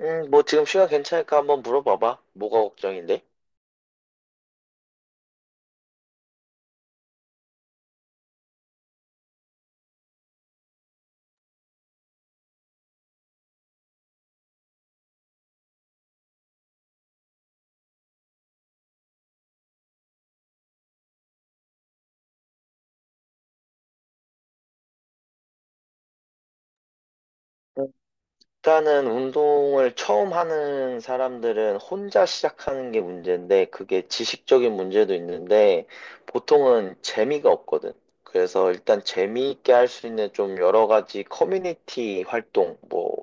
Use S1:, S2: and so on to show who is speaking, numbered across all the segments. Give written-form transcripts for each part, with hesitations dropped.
S1: 뭐 지금 시간 괜찮을까 한번 물어봐봐. 뭐가 걱정인데? 일단은 운동을 처음 하는 사람들은 혼자 시작하는 게 문제인데, 그게 지식적인 문제도 있는데, 보통은 재미가 없거든. 그래서 일단 재미있게 할 수 있는 좀 여러 가지 커뮤니티 활동, 뭐,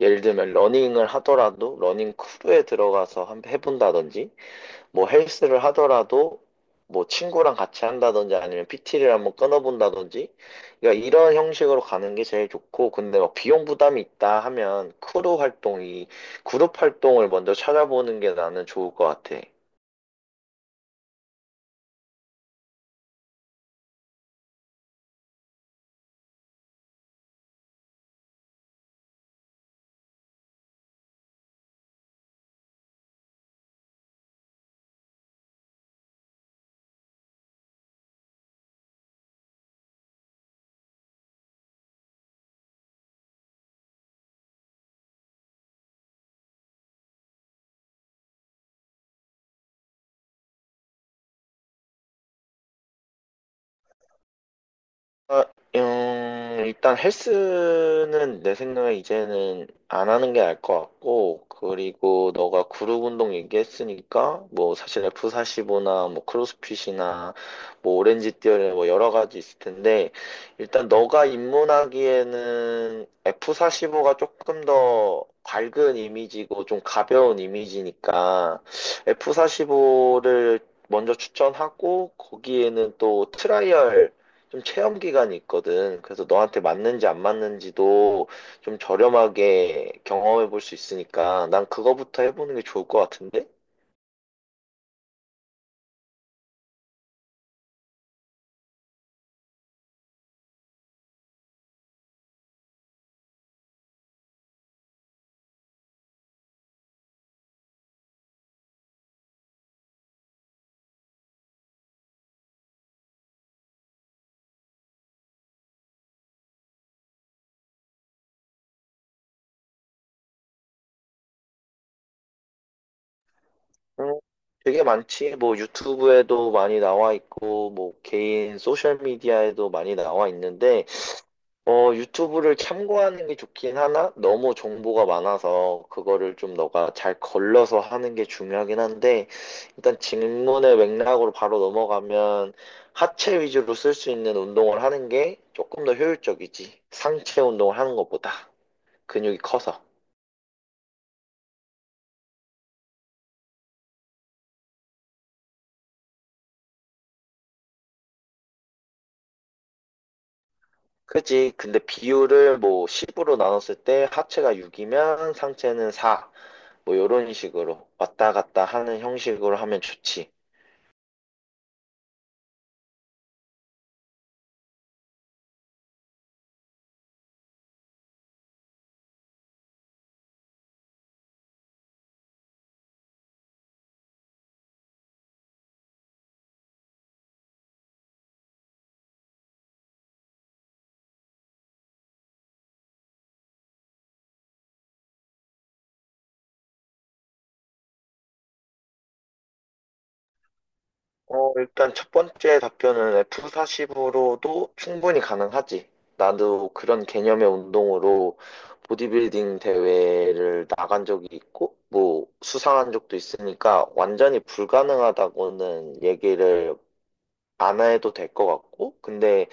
S1: 예를 들면 러닝을 하더라도 러닝 크루에 들어가서 한 해본다든지, 뭐 헬스를 하더라도 뭐 친구랑 같이 한다든지 아니면 PT를 한번 끊어본다든지 그러니까 이런 형식으로 가는 게 제일 좋고, 근데 막 비용 부담이 있다 하면 크루 활동이, 그룹 활동을 먼저 찾아보는 게 나는 좋을 것 같아. 아, 일단 헬스는 내 생각에 이제는 안 하는 게 나을 것 같고, 그리고 너가 그룹 운동 얘기했으니까, 뭐 사실 F45나 뭐 크로스핏이나 뭐 오렌지 띠어리 뭐 여러 가지 있을 텐데, 일단 너가 입문하기에는 F45가 조금 더 밝은 이미지고 좀 가벼운 이미지니까, F45를 먼저 추천하고, 거기에는 또 트라이얼, 좀 체험 기간이 있거든. 그래서 너한테 맞는지 안 맞는지도 좀 저렴하게 경험해 볼 수 있으니까 난 그거부터 해보는 게 좋을 것 같은데? 음, 되게 많지. 뭐 유튜브에도 많이 나와 있고, 뭐 개인 소셜 미디어에도 많이 나와 있는데, 유튜브를 참고하는 게 좋긴 하나 너무 정보가 많아서 그거를 좀 너가 잘 걸러서 하는 게 중요하긴 한데, 일단 질문의 맥락으로 바로 넘어가면, 하체 위주로 쓸 수 있는 운동을 하는 게 조금 더 효율적이지. 상체 운동을 하는 것보다 근육이 커서. 그지? 근데 비율을 뭐 10으로 나눴을 때 하체가 6이면 상체는 4. 뭐 요런 식으로 왔다 갔다 하는 형식으로 하면 좋지. 일단 첫 번째 답변은 F40으로도 충분히 가능하지. 나도 그런 개념의 운동으로 보디빌딩 대회를 나간 적이 있고, 뭐, 수상한 적도 있으니까 완전히 불가능하다고는 얘기를 안 해도 될 것 같고, 근데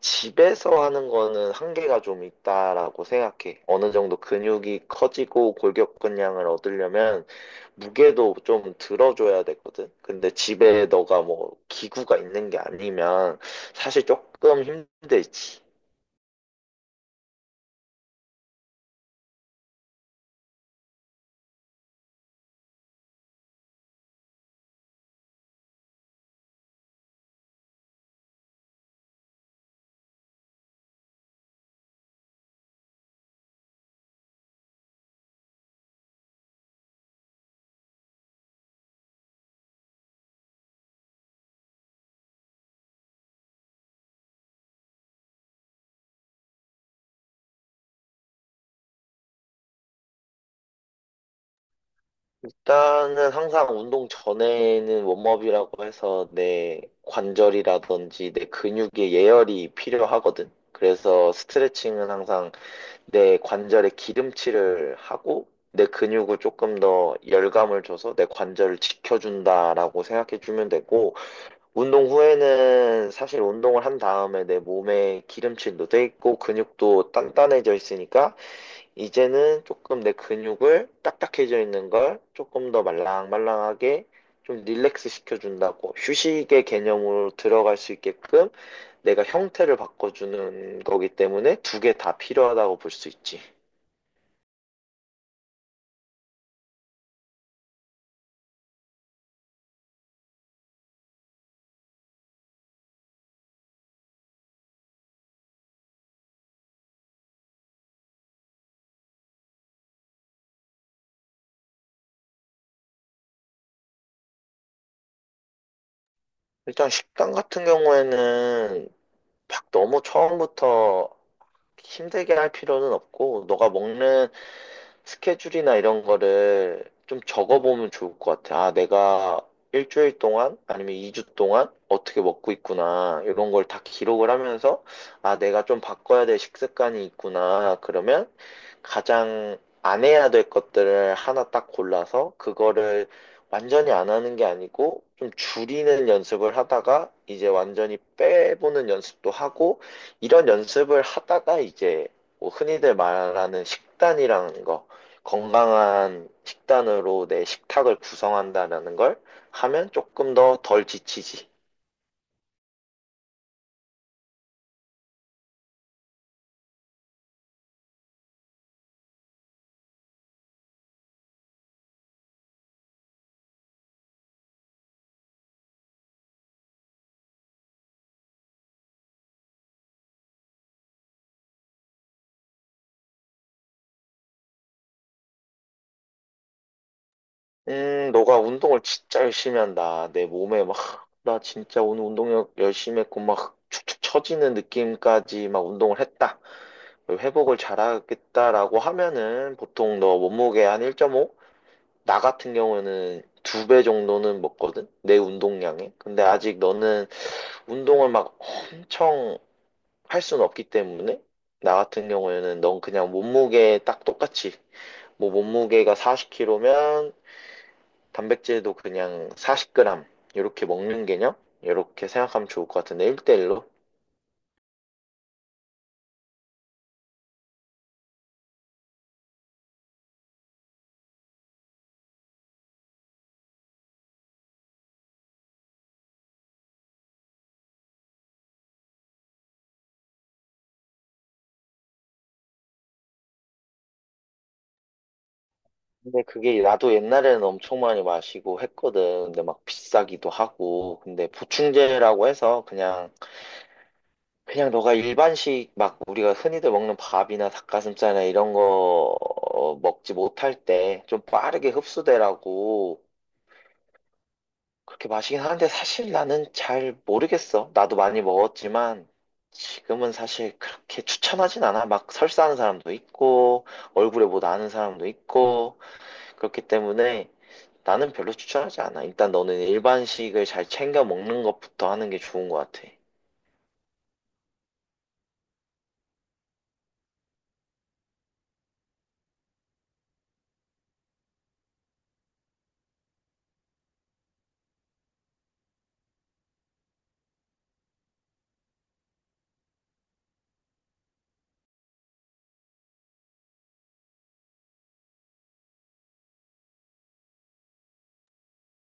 S1: 집에서 하는 거는 한계가 좀 있다라고 생각해. 어느 정도 근육이 커지고 골격근량을 얻으려면 무게도 좀 들어줘야 되거든. 근데 집에 너가 뭐 기구가 있는 게 아니면 사실 조금 힘들지. 일단은 항상 운동 전에는 웜업이라고 해서 내 관절이라든지 내 근육에 예열이 필요하거든. 그래서 스트레칭은 항상 내 관절에 기름칠을 하고 내 근육을 조금 더 열감을 줘서 내 관절을 지켜준다라고 생각해 주면 되고, 운동 후에는 사실 운동을 한 다음에 내 몸에 기름칠도 돼 있고 근육도 단단해져 있으니까 이제는 조금 내 근육을 딱딱해져 있는 걸 조금 더 말랑말랑하게 좀 릴렉스 시켜준다고 휴식의 개념으로 들어갈 수 있게끔 내가 형태를 바꿔주는 거기 때문에 두 개 다 필요하다고 볼 수 있지. 일단 식당 같은 경우에는 막 너무 처음부터 힘들게 할 필요는 없고, 너가 먹는 스케줄이나 이런 거를 좀 적어보면 좋을 것 같아. 아, 내가 일주일 동안 아니면 2주 동안 어떻게 먹고 있구나. 이런 걸 다 기록을 하면서 아, 내가 좀 바꿔야 될 식습관이 있구나. 그러면 가장 안 해야 될 것들을 하나 딱 골라서 그거를 완전히 안 하는 게 아니고 좀 줄이는 연습을 하다가 이제 완전히 빼보는 연습도 하고, 이런 연습을 하다가 이제 뭐 흔히들 말하는 식단이라는 거, 건강한 식단으로 내 식탁을 구성한다라는 걸 하면 조금 더 덜 지치지. 너가 운동을 진짜 열심히 한다. 내 몸에 막, 나 진짜 오늘 운동력 열심히 했고, 막 축축 처지는 느낌까지 막 운동을 했다. 회복을 잘하겠다라고 하면은 보통 너 몸무게 한 1.5? 나 같은 경우에는 두 배 정도는 먹거든? 내 운동량에. 근데 아직 너는 운동을 막 엄청 할 수는 없기 때문에, 나 같은 경우에는 넌 그냥 몸무게 딱 똑같이, 뭐 몸무게가 40kg면 단백질도 그냥 40g 이렇게 먹는 개념, 이렇게 생각하면 좋을 것 같은데, 1대1로 근데 그게 나도 옛날에는 엄청 많이 마시고 했거든. 근데 막 비싸기도 하고, 근데 보충제라고 해서 그냥 너가 일반식, 막 우리가 흔히들 먹는 밥이나 닭가슴살이나 이런 거 먹지 못할 때 좀 빠르게 흡수되라고 그렇게 마시긴 하는데, 사실 나는 잘 모르겠어. 나도 많이 먹었지만 지금은 사실 그렇게 추천하진 않아. 막 설사하는 사람도 있고 얼굴에 뭐 나는 사람도 있고, 그렇기 때문에 나는 별로 추천하지 않아. 일단 너는 일반식을 잘 챙겨 먹는 것부터 하는 게 좋은 것 같아.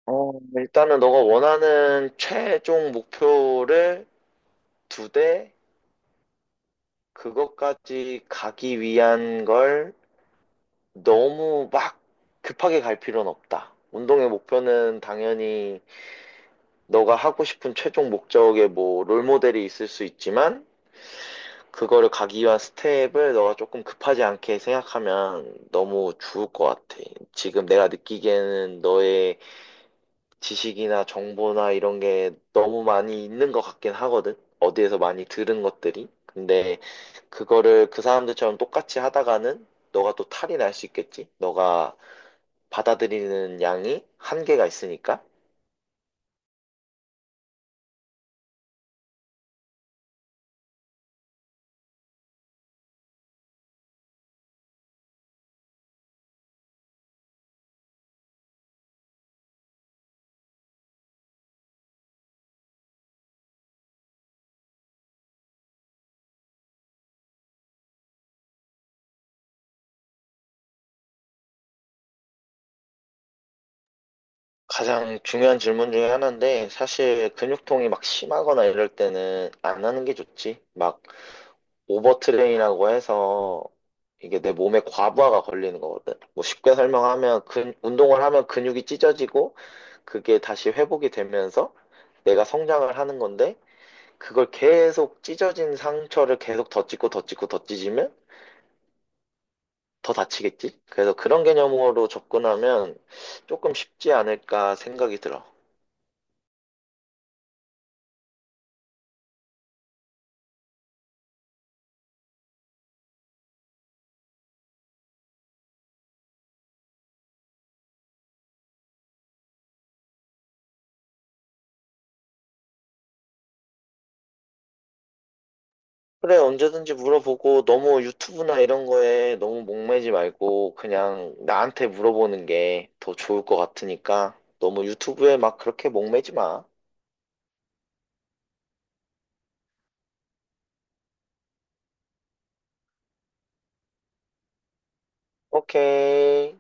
S1: 일단은 너가 원하는 최종 목표를 두 대, 그것까지 가기 위한 걸 너무 막 급하게 갈 필요는 없다. 운동의 목표는 당연히 너가 하고 싶은 최종 목적에 뭐 롤모델이 있을 수 있지만, 그거를 가기 위한 스텝을 너가 조금 급하지 않게 생각하면 너무 좋을 것 같아. 지금 내가 느끼기에는 너의 지식이나 정보나 이런 게 너무 많이 있는 것 같긴 하거든. 어디에서 많이 들은 것들이. 근데 그거를 그 사람들처럼 똑같이 하다가는 너가 또 탈이 날 수 있겠지. 너가 받아들이는 양이 한계가 있으니까. 가장 중요한 질문 중에 하나인데, 사실 근육통이 막 심하거나 이럴 때는 안 하는 게 좋지. 막 오버트레인이라고 해서 이게 내 몸에 과부하가 걸리는 거거든. 뭐 쉽게 설명하면, 운동을 하면 근육이 찢어지고 그게 다시 회복이 되면서 내가 성장을 하는 건데, 그걸 계속 찢어진 상처를 계속 덧 찢고 덧 찢고 덧 찢으면 더 다치겠지? 그래서 그런 개념으로 접근하면 조금 쉽지 않을까 생각이 들어. 그래, 언제든지 물어보고, 너무 유튜브나 이런 거에 너무 목매지 말고 그냥 나한테 물어보는 게 더 좋을 것 같으니까, 너무 유튜브에 막 그렇게 목매지 마. 오케이.